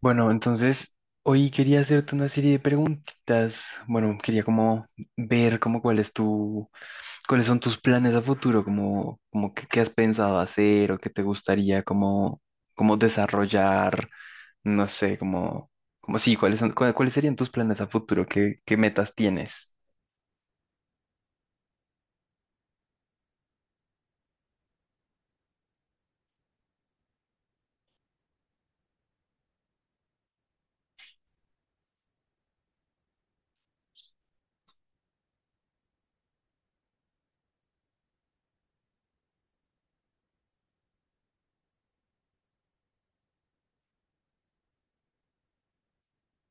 Bueno, entonces hoy quería hacerte una serie de preguntitas. Bueno, quería como ver como cuál es cuáles son tus planes a futuro, como, qué has pensado hacer o qué te gustaría como, como desarrollar, no sé, como, como sí, cuáles serían tus planes a futuro, qué metas tienes.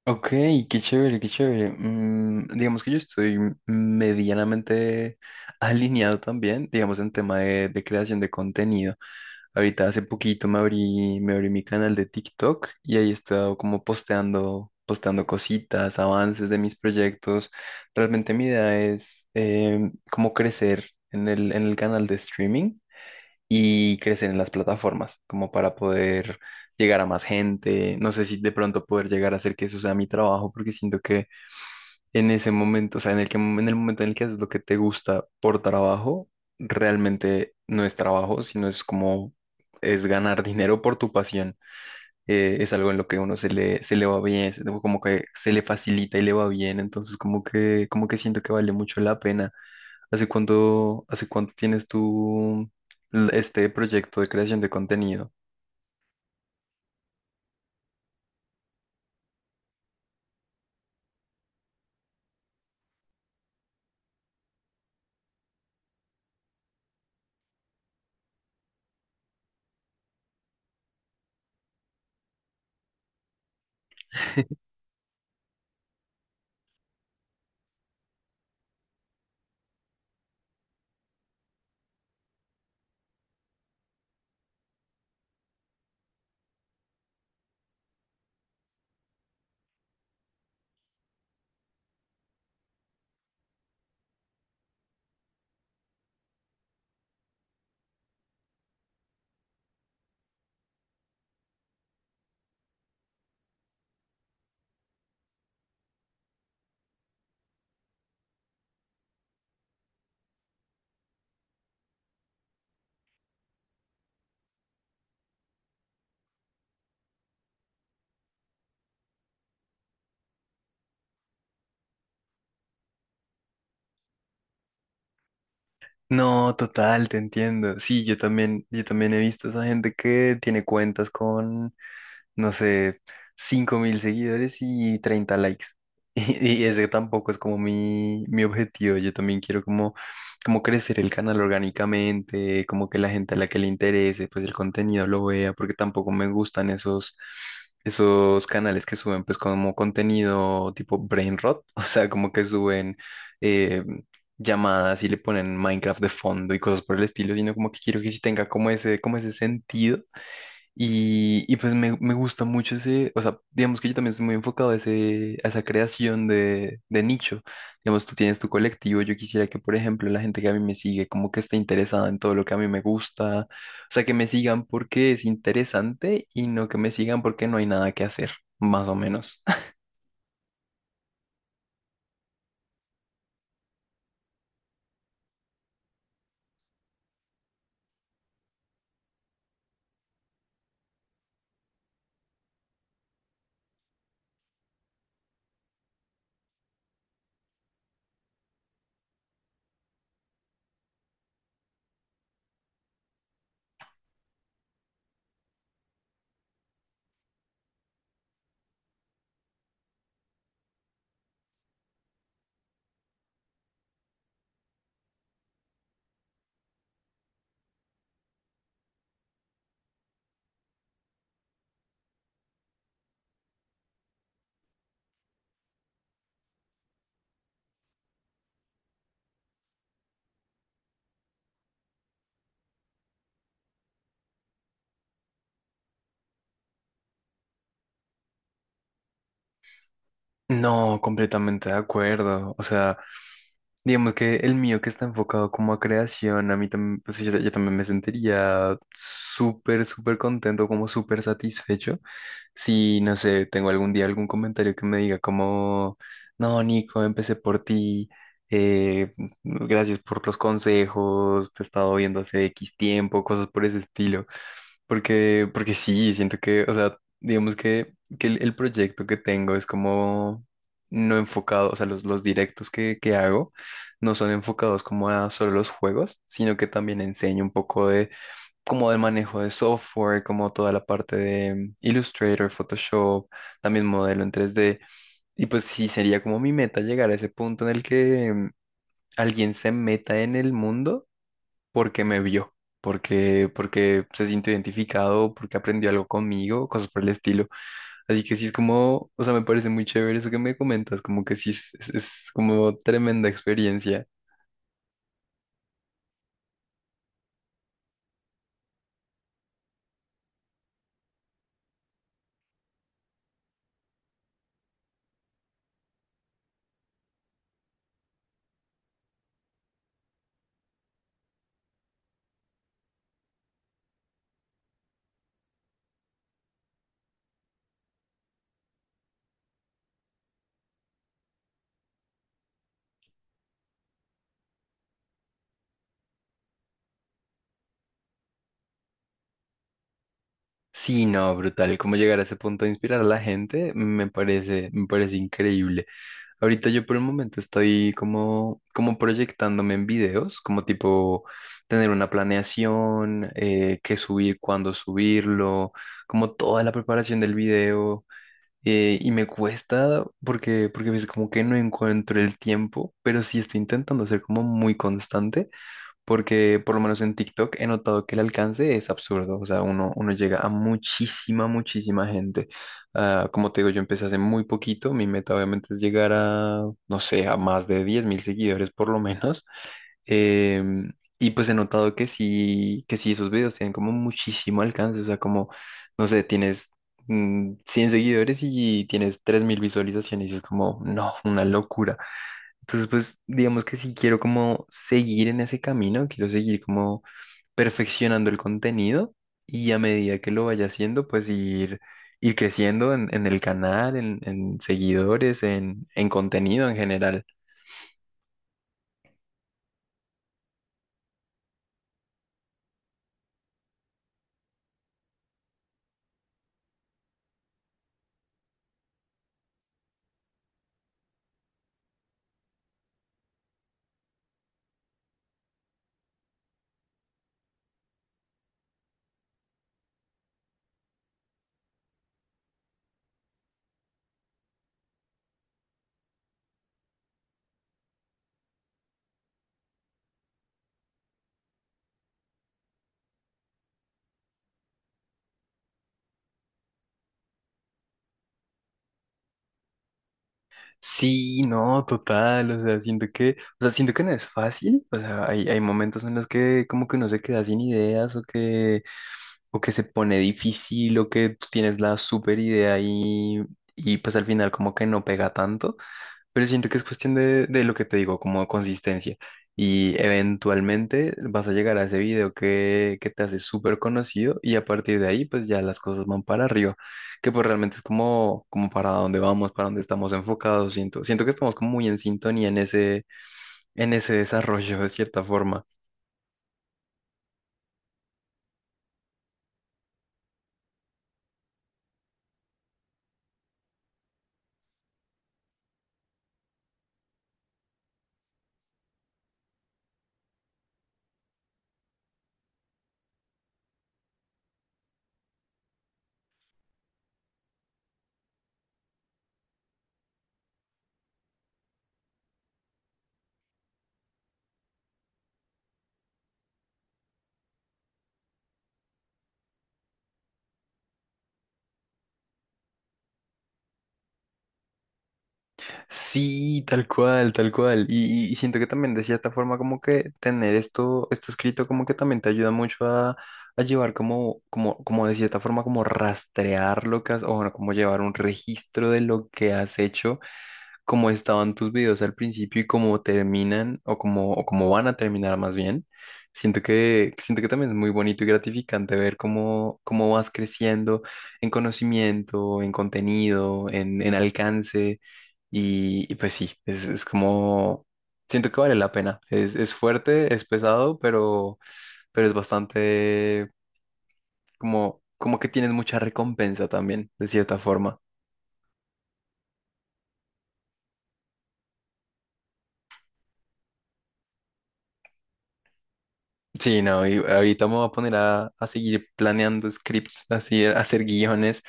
Ok, qué chévere, qué chévere. Mm, digamos que yo estoy medianamente alineado también, digamos, en tema de creación de contenido. Ahorita hace poquito me abrí mi canal de TikTok y ahí he estado como posteando, posteando cositas, avances de mis proyectos. Realmente mi idea es como crecer en el canal de streaming y crecer en las plataformas, como para poder llegar a más gente. No sé si de pronto poder llegar a hacer que eso sea mi trabajo, porque siento que en ese momento, o sea, en el momento en el que haces lo que te gusta por trabajo, realmente no es trabajo, sino es como es ganar dinero por tu pasión. Es algo en lo que uno se le va bien, como que se le facilita y le va bien, entonces como que siento que vale mucho la pena. ¿Hace cuánto tienes tú este proyecto de creación de contenido? No, total, te entiendo. Sí, yo también he visto esa gente que tiene cuentas no sé, 5.000 seguidores y 30 likes. Y ese tampoco es como mi objetivo. Yo también quiero como, como crecer el canal orgánicamente, como que la gente a la que le interese, pues el contenido lo vea, porque tampoco me gustan esos, esos canales que suben pues como contenido tipo brain rot, o sea, como que suben eh, llamadas y le ponen Minecraft de fondo y cosas por el estilo, sino como que quiero que sí tenga como ese sentido y pues me gusta mucho ese, o sea, digamos que yo también estoy muy enfocado a, ese, a esa creación de nicho. Digamos, tú tienes tu colectivo, yo quisiera que, por ejemplo, la gente que a mí me sigue, como que esté interesada en todo lo que a mí me gusta, o sea, que me sigan porque es interesante y no que me sigan porque no hay nada que hacer, más o menos. No, completamente de acuerdo. O sea, digamos que el mío que está enfocado como a creación, a mí también, pues yo también me sentiría súper, súper contento, como súper satisfecho. Si, no sé, tengo algún día algún comentario que me diga como, no, Nico, empecé por ti, eh, gracias por los consejos, te he estado viendo hace X tiempo, cosas por ese estilo. Porque, porque sí, siento que, o sea, digamos que el proyecto que tengo es como no enfocado, o sea, los directos que hago no son enfocados como a solo los juegos, sino que también enseña un poco de como del manejo de software, como toda la parte de Illustrator, Photoshop, también modelo en tres d. Y pues sí, sería como mi meta llegar a ese punto en el que mm, alguien se meta en el mundo porque me vio. Porque, porque se sintió identificado, porque aprendió algo conmigo, cosas por el estilo. Así que sí es como, o sea, me parece muy chévere eso que me comentas, como que sí es como tremenda experiencia. Sí, no, brutal. Cómo llegar a ese punto de inspirar a la gente me parece increíble. Ahorita yo por el momento estoy como, como proyectándome en videos, como tipo tener una planeación, qué subir, cuándo subirlo, como toda la preparación del video. Y me cuesta porque, porque a veces como que no encuentro el tiempo, pero sí estoy intentando ser como muy constante porque por lo menos en TikTok he notado que el alcance es absurdo, o sea, uno llega a muchísima, muchísima gente. Ah, como te digo, yo empecé hace muy poquito, mi meta obviamente es llegar a, no sé, a más de 10.000 seguidores por lo menos. Em, y pues he notado que sí, esos videos tienen como muchísimo alcance, o sea, como, no sé, tienes mm, 100 seguidores y tienes 3.000 visualizaciones y es como, no, una locura. Entonces, pues digamos que si quiero como seguir en ese camino, quiero seguir como perfeccionando el contenido y a medida que lo vaya haciendo, pues ir creciendo en el canal, en seguidores, en contenido en general. Sí, no, total, o sea, siento que, o sea, siento que no es fácil, o sea, hay momentos en los que como que uno se queda sin ideas o que se pone difícil o que tú tienes la super idea y pues al final como que no pega tanto. Pero siento que es cuestión de lo que te digo, como consistencia. Y eventualmente vas a llegar a ese video que te hace súper conocido y a partir de ahí pues ya las cosas van para arriba, que pues realmente es como, como para dónde vamos, para dónde estamos enfocados. Siento, siento que estamos como muy en sintonía en ese desarrollo de cierta forma. Sí, tal cual, tal cual. Y siento que también de cierta forma como que tener esto, esto escrito como que también te ayuda mucho a llevar como, como, como de cierta forma como rastrear lo que has, o bueno, como llevar un registro de lo que has hecho, cómo estaban tus videos al principio y cómo terminan o cómo van a terminar más bien. Siento que también es muy bonito y gratificante ver cómo, cómo vas creciendo en conocimiento, en contenido, en alcance. Y pues sí, es como, siento que vale la pena. Es fuerte, es pesado, pero es bastante como, como que tienes mucha recompensa también, de cierta forma. Sí, no, y ahorita me voy a poner a seguir planeando scripts, así, a hacer guiones,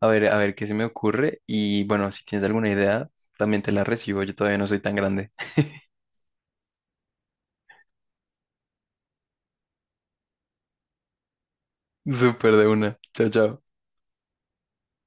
a ver qué se me ocurre. Y bueno, si tienes alguna idea, también te la recibo, yo todavía no soy tan grande. Súper de una. Chao, chao.